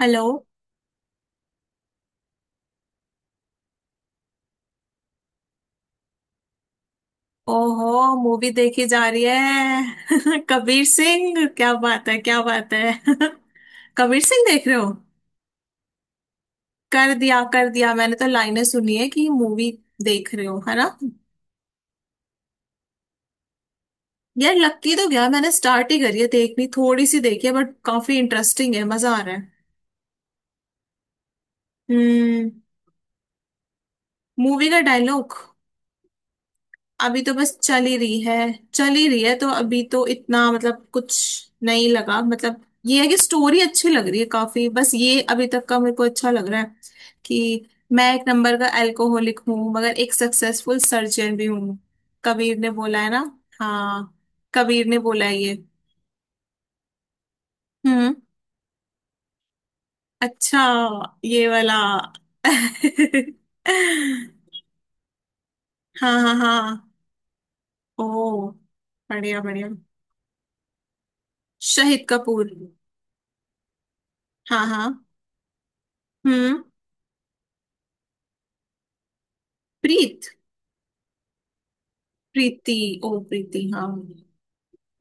Hello. ओहो, movie देखी जा रही है कबीर सिंह, क्या बात है, क्या बात है। कबीर सिंह देख रहे हो? कर दिया कर दिया, मैंने तो लाइनें सुनी है कि मूवी देख रहे हो, है ना। यार लगती तो गया, मैंने स्टार्ट ही करी है, देखनी थोड़ी सी देखी है, बट काफी इंटरेस्टिंग है, मजा आ रहा है। हम्म। मूवी का डायलॉग? अभी तो बस चल ही रही है। चल ही रही है तो अभी तो इतना मतलब कुछ नहीं लगा, मतलब ये है कि स्टोरी अच्छी लग रही है काफी, बस ये अभी तक का मेरे को अच्छा लग रहा है कि मैं एक नंबर का अल्कोहलिक हूँ मगर एक सक्सेसफुल सर्जन भी हूँ। कबीर ने बोला है ना। हाँ, कबीर ने बोला है ये। हम्म। अच्छा। ये वाला। हाँ हाँ हाँ। ओ, बढ़िया बढ़िया। शहीद कपूर। हाँ हाँ। हम्म। प्रीत। प्रीति। ओ प्रीति, हाँ। हम्म।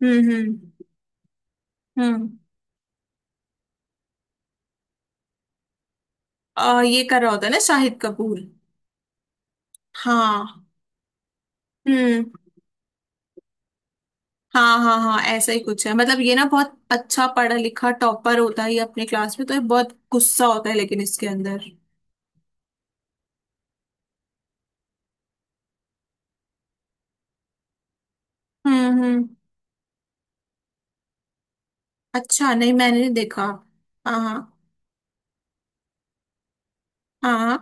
हम्म। हम्म। ये कर रहा होता है ना शाहिद कपूर। हाँ। हम्म। हाँ हाँ हाँ, ऐसा ही कुछ है, मतलब ये ना बहुत अच्छा पढ़ा लिखा टॉपर होता है, ये अपने क्लास में तो ये बहुत गुस्सा होता है, लेकिन इसके अंदर। हम्म। अच्छा, नहीं मैंने नहीं देखा। हाँ हाँ हाँ।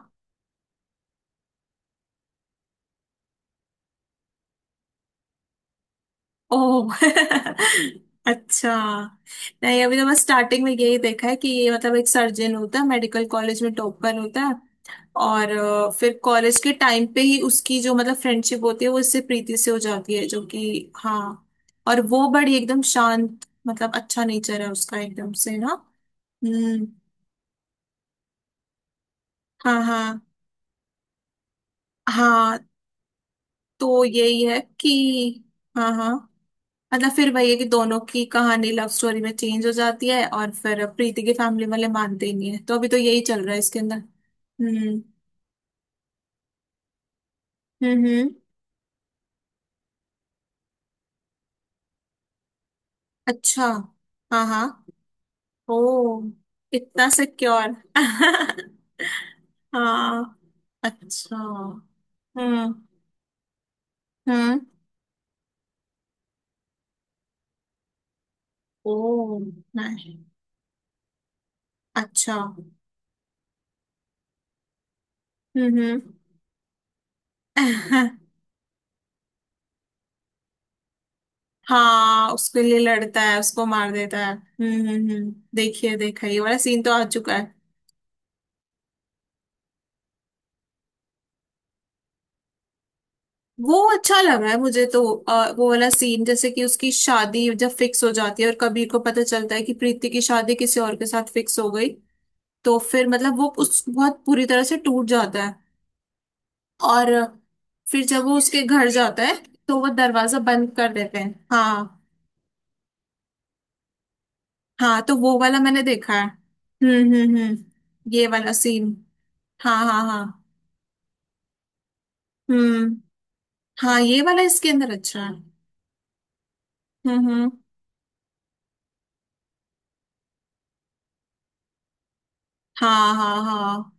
ओह अच्छा। नहीं, अभी तो बस स्टार्टिंग में यही देखा है कि ये मतलब एक सर्जन होता है, मेडिकल कॉलेज में टॉपर होता है। और फिर कॉलेज के टाइम पे ही उसकी जो मतलब फ्रेंडशिप होती है वो इससे प्रीति से हो जाती है, जो कि हाँ। और वो बड़ी एकदम शांत, मतलब अच्छा नेचर है उसका, एकदम से ना। हम्म। हाँ हाँ हाँ। तो यही है कि हाँ हाँ, मतलब फिर वही है कि दोनों की कहानी लव स्टोरी में चेंज हो जाती है और फिर प्रीति के फैमिली वाले मानते ही नहीं है, तो अभी तो यही चल रहा है इसके अंदर। हम्म हम्म। अच्छा। हाँ हाँ। ओ, इतना सिक्योर। हाँ। अच्छा। हम्म हम्म। ओ। नहीं। अच्छा। हम्म। हाँ, उसके लिए लड़ता है, उसको मार देता है। हम्म, देखिए, देखा, ये वाला सीन तो आ चुका है। वो अच्छा लग रहा है मुझे तो। वो वाला सीन जैसे कि उसकी शादी जब फिक्स हो जाती है और कबीर को पता चलता है कि प्रीति की शादी किसी और के साथ फिक्स हो गई, तो फिर मतलब वो उस बहुत पूरी तरह से टूट जाता है। और फिर जब वो उसके घर जाता है तो वो दरवाजा बंद कर देते हैं, हाँ। हाँ, तो वो वाला मैंने देखा है। हम्म, ये वाला सीन। हाँ हाँ हाँ। हम्म। हाँ, ये वाला इसके अंदर अच्छा है। हम्म। हाँ हाँ हाँ,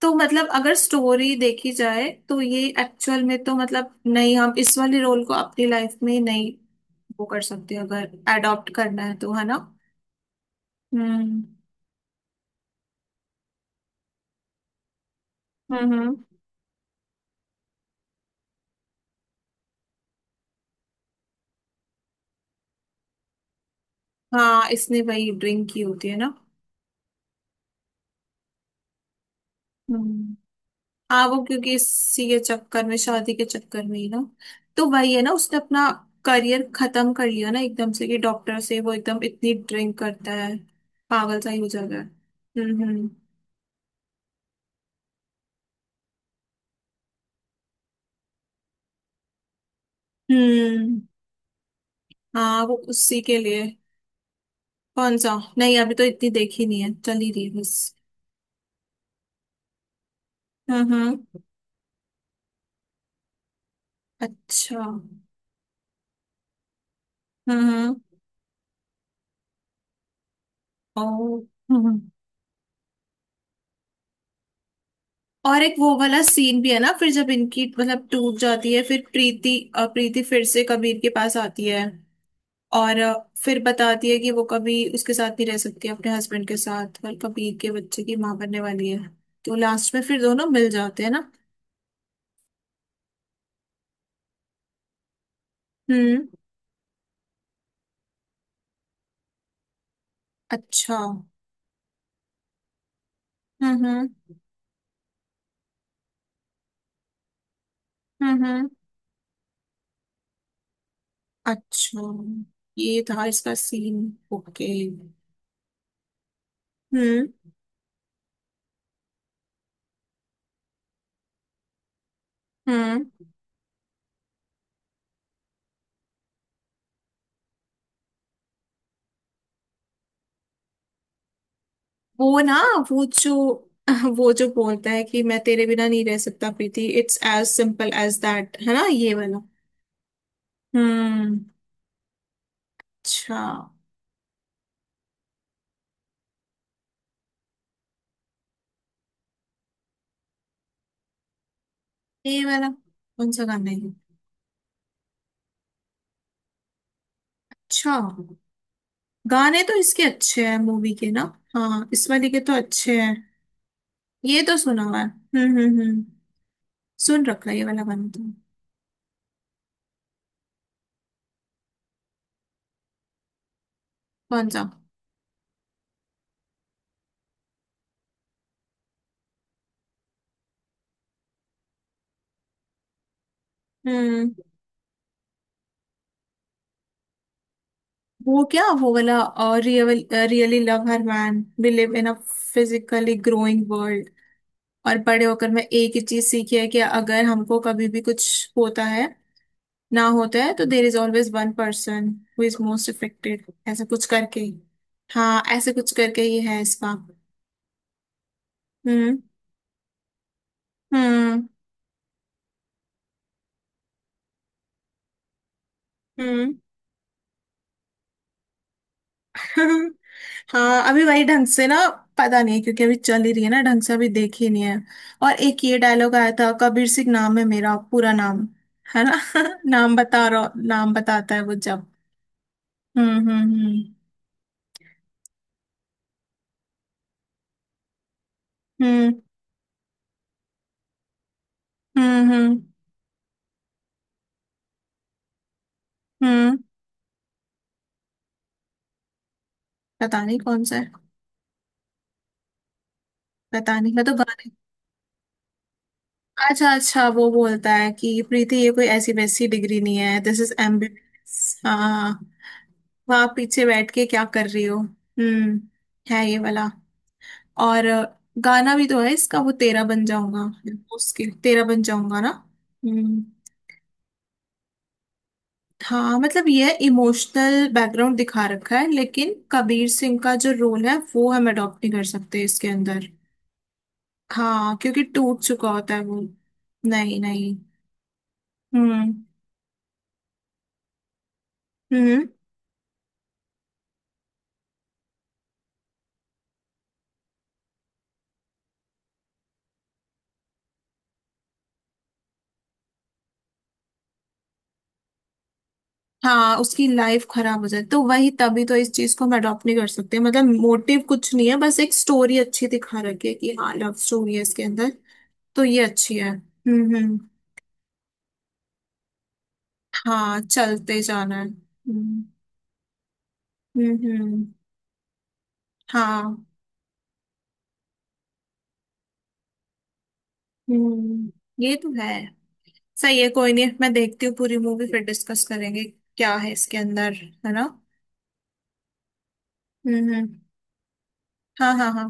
तो मतलब अगर स्टोरी देखी जाए तो ये एक्चुअल में तो मतलब नहीं, हम इस वाले रोल को अपनी लाइफ में नहीं वो कर सकते, अगर अडॉप्ट करना है तो, है ना। हम्म हम्म। हाँ, इसने वही ड्रिंक की होती है ना। हम्म। हाँ, वो क्योंकि इसी के चक्कर में, शादी के चक्कर में ही ना, तो वही है ना, उसने अपना करियर खत्म कर लिया ना एकदम से, कि डॉक्टर से वो एकदम इतनी ड्रिंक करता है, पागल सा ही हो जाता है। हम्म हम्म हम्म। हाँ, वो उसी के लिए। कौन सा? नहीं, अभी तो इतनी देखी नहीं है, चल ही रही है बस। हम्म। अच्छा। हम्म। ओ। हम्म हम्म। और एक वो वाला सीन भी है ना, फिर जब इनकी मतलब टूट जाती है, फिर प्रीति, प्रीति फिर से कबीर के पास आती है। और फिर बताती है कि वो कभी उसके साथ नहीं रह सकती अपने हस्बैंड के साथ, और कभी के बच्चे की माँ बनने वाली है, तो लास्ट में फिर दोनों मिल जाते हैं ना। हम्म। अच्छा। हम्म हम्म। अच्छा, ये था इसका सीन। ओके। हम्म हम्म। वो ना, वो जो वो जो बोलता है कि मैं तेरे बिना नहीं रह सकता Preeti, it's as simple as that, है ना, ये वाला। हम्म। अच्छा, ये वाला। कौन सा गाना है? अच्छा, गाने तो इसके अच्छे हैं मूवी के ना। हाँ, इस वाली के तो अच्छे हैं। ये तो सुना हुआ है, हम्म। सुन रखा है ये वाला गाना तो। कौन सा? हम्म। वो क्या, वो वाला, और रियल, रियली लव हर, man believe in a physically growing world. और बड़े होकर मैं एक ही चीज सीखी है, कि अगर हमको कभी भी कुछ होता है ना, होता है, तो there is always one person who is most affected, ऐसा कुछ करके। हाँ, ऐसे कुछ करके, ये है इसका। हम्म हम्म हम्म। हाँ, अभी वही ढंग से ना पता नहीं, क्योंकि अभी चल ही रही है ना, ढंग से अभी देखी नहीं है। और एक ये डायलॉग आया था, कबीर सिंह नाम है मेरा, पूरा नाम, है ना। नाम बता रहा, नाम बताता है वो जब। हम्म हम्म हम्म हम्म हम्म हम्म हम्म। पता नहीं कौन सा है, पता नहीं, मैं तो गाने। अच्छा अच्छा, वो बोलता है कि प्रीति, ये कोई ऐसी वैसी डिग्री नहीं है, दिस इज एमबीबीएस, हाँ, वहाँ पीछे बैठ के क्या कर रही हो। हम्म, है ये वाला। और गाना भी तो है इसका, वो तेरा बन जाऊंगा, उसके तेरा बन जाऊंगा ना। हम्म। हाँ, मतलब ये इमोशनल बैकग्राउंड दिखा रखा है, लेकिन कबीर सिंह का जो रोल है वो हम अडॉप्ट नहीं कर सकते इसके अंदर। हाँ, क्योंकि टूट चुका होता है वो। नहीं नहीं। हम्म हम्म। हाँ, उसकी लाइफ खराब हो जाए तो वही, तभी तो इस चीज को हम अडॉप्ट नहीं कर सकते, मतलब मोटिव कुछ नहीं है, बस एक स्टोरी अच्छी दिखा रखी है कि हाँ, लव स्टोरी है इसके अंदर, तो ये अच्छी है। हम्म। हाँ, चलते जाना है। हम्म हम्म, हाँ। हम्म। ये तो है। सही है, कोई नहीं, मैं देखती हूँ पूरी मूवी फिर डिस्कस करेंगे, क्या है इसके अंदर, है ना। हम्म। हाँ हाँ हाँ।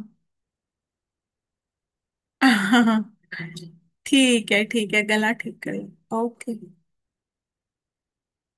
हाँ हाँ। ठीक है ठीक है, गला ठीक कर। ओके।